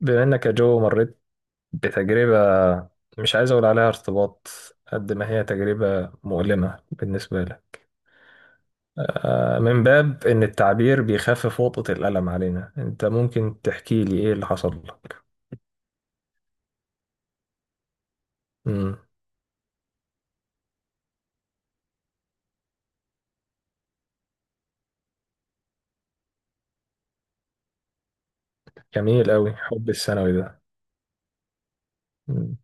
بما انك يا جو مريت بتجربة، مش عايز اقول عليها ارتباط، قد ما هي تجربة مؤلمة بالنسبة لك. من باب ان التعبير بيخفف وطأة الألم علينا، انت ممكن تحكي لي ايه اللي حصل لك؟ مم. جميل قوي حب الثانوي ده. مم.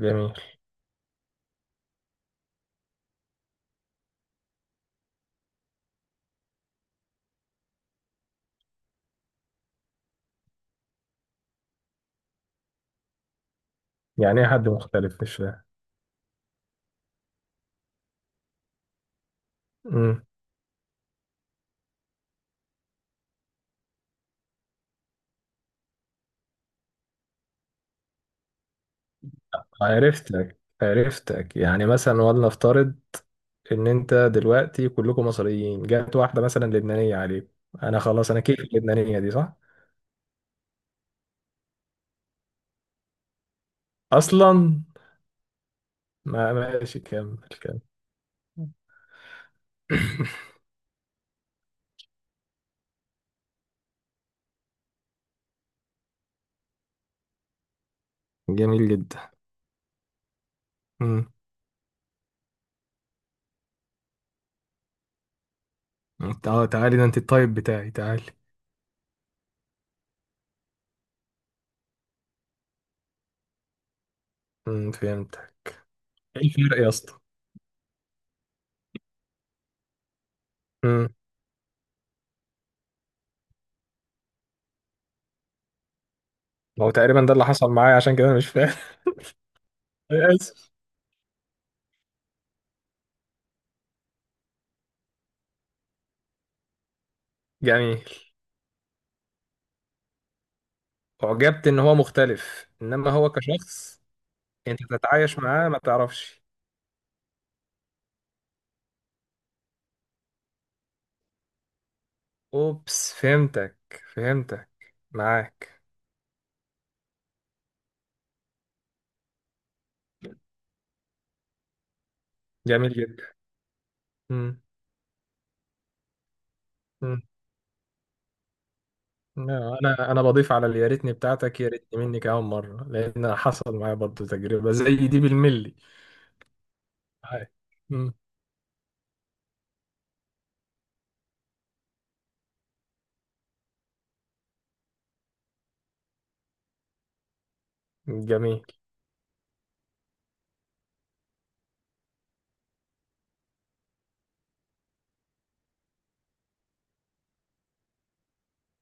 جميل. يعني ايه حد مختلف؟ مش فاهم. مم. عرفتك عرفتك، يعني مثلا ولنفترض ان انت دلوقتي كلكم مصريين، جت واحدة مثلا لبنانية عليك، انا خلاص، انا كيف اللبنانية دي، صح؟ اصلا؟ ما ماشي، كمل كمل. جميل جدا. امم انت، تعالي ده، انت الطيب بتاعي، تعالي. فهمتك. ايه الفرق يا اسطى؟ امم هو تقريبا ده اللي حصل معايا، عشان كده انا مش فاهم. أنا اسف. جميل. اعجبت ان هو مختلف، انما هو كشخص انت تتعايش معاه ما تعرفش. اوبس، فهمتك. فهمتك. معاك. جميل جدا. امم لا، انا بضيف على اليا ريتني بتاعتك، يا ريتني مني كمان مره، لان حصل معايا برضه تجربه زي دي بالملي. هاي. مم. جميل.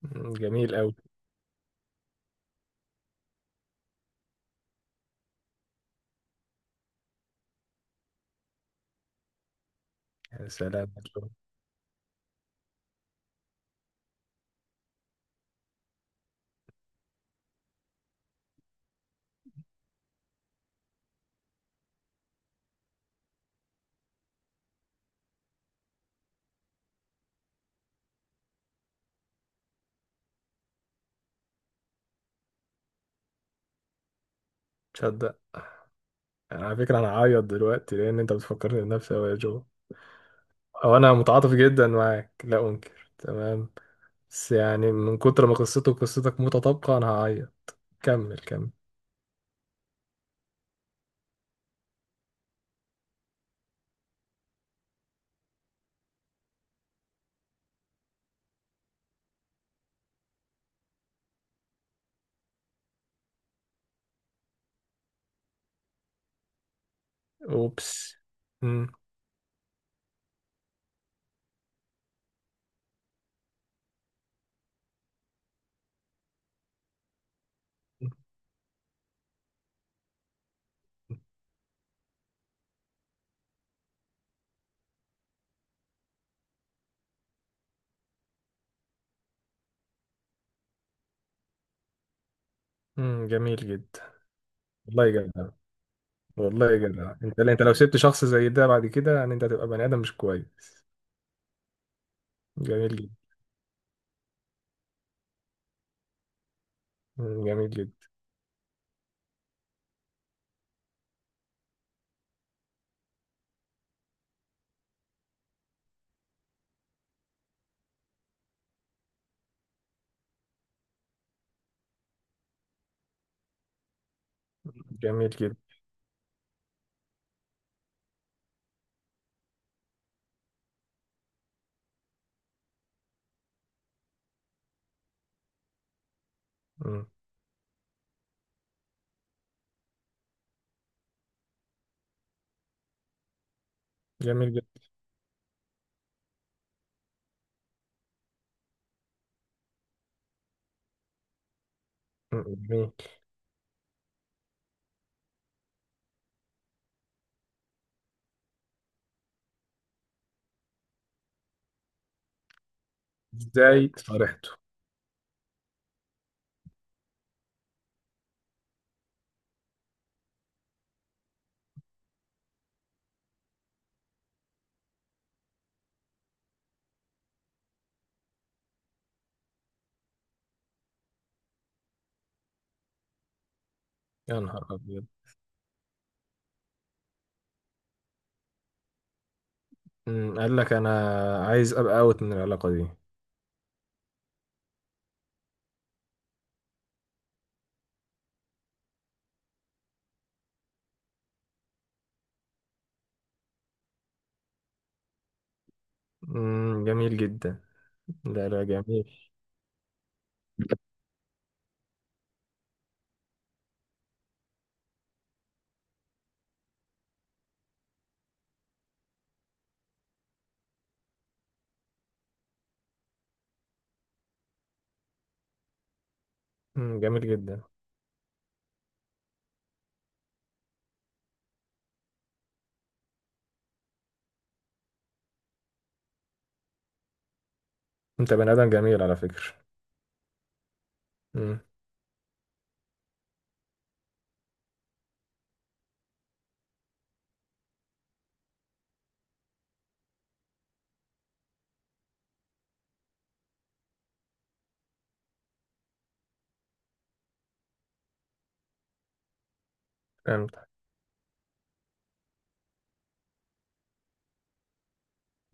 مم. جميل قوي. يا سلام يا جو. تصدق، على فكره انا هعيط دلوقتي لان انت بتفكرني بنفسي أوي يا جو. او انا متعاطف جدا معاك، لا انكر، تمام. بس يعني من كتر ما قصته وقصتك متطابقه انا هعيط. كمل كمل. اوبس. مم. مم. جميل جدا. والله جميل. والله يا جدع، انت لو سبت شخص زي ده بعد كده يعني انت هتبقى بني ادم مش كويس. جميل جدا. جميل جدا. جميل جدا. مم، جميل جدا. مم، جميل. ازاي صارحته؟ يا نهار ابيض. قال لك انا عايز ابقى اوت من العلاقه دي؟ جميل جدا. لا لا، جميل. جميل جدا. انت بني ادم جميل على فكره. مم، فهمت.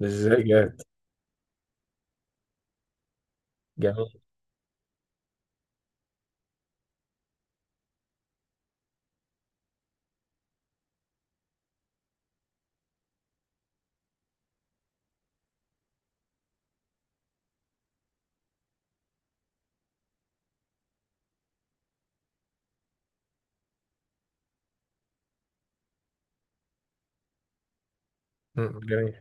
ازاي جاد؟ جميل. جميل.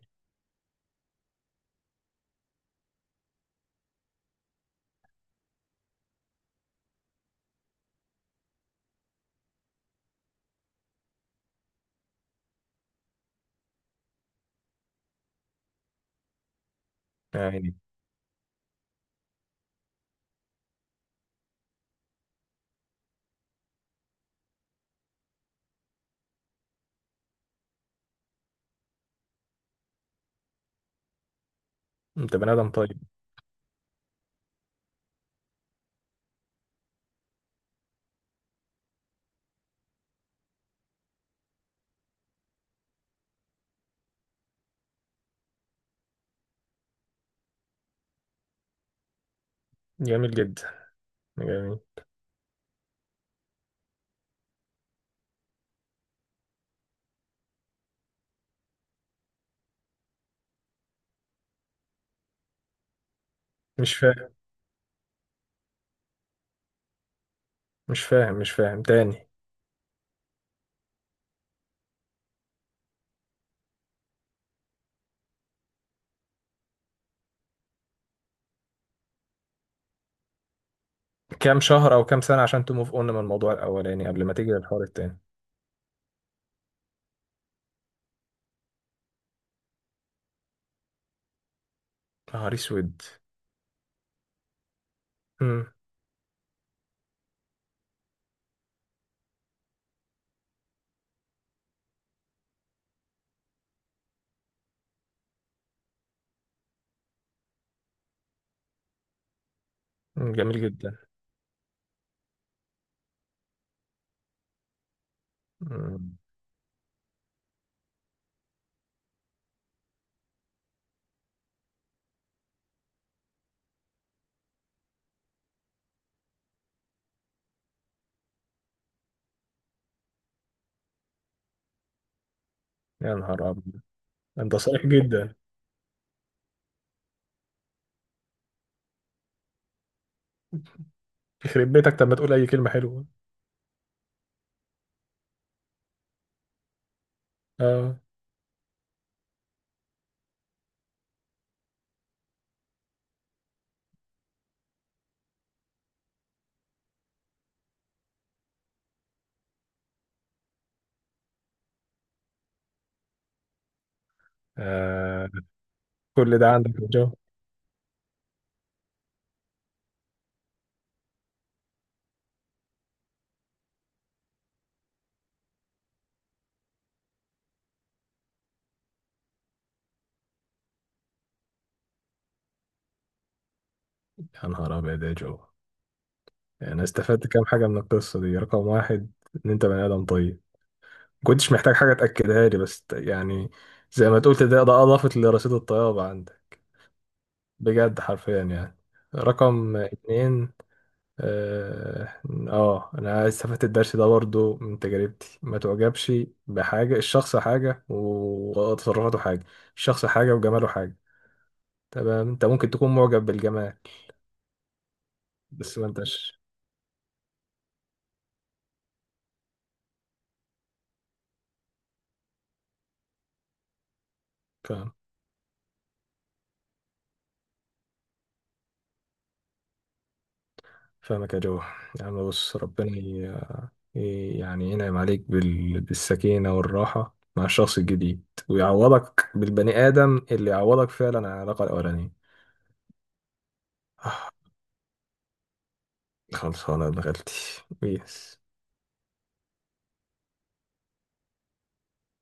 يا عيني. انت بني ادم طيب. جميل جدا. جميل. مش فاهم. مش فاهم مش فاهم تاني. كام شهر او كام سنه عشان تموف اون من الموضوع الاولاني قبل ما تيجي للحوار التاني؟ نهار اسود. مم. جميل جدا. مم. يا نهار ابيض. انت صريح جدا. يخرب بيتك، طب ما تقول اي كلمه حلوه. اه. آه، كل ده عندك يا جو؟ يا نهار ابيض يا جو. يعني انا استفدت كام حاجه من القصه دي. رقم واحد، ان انت بني ادم طيب، ما كنتش محتاج حاجه تاكدها لي، بس يعني زي ما تقول، ده اضافت لرصيد الطيابه عندك، بجد حرفيا يعني. رقم اتنين، اه، انا استفدت الدرس ده برضو من تجربتي. ما تعجبش بحاجة، الشخص حاجة وتصرفاته حاجة، الشخص حاجة وجماله حاجة. تمام. انت ممكن تكون معجب بالجمال، بس ما انتش فاهم. فاهمك يا جو. يعني بص، ربنا يعني ينعم عليك بالسكينة والراحة مع الشخص الجديد، ويعوضك بالبني آدم اللي يعوضك فعلا عن العلاقة الأولانية. آه، خلصانة يا ابن غلتي. بيس.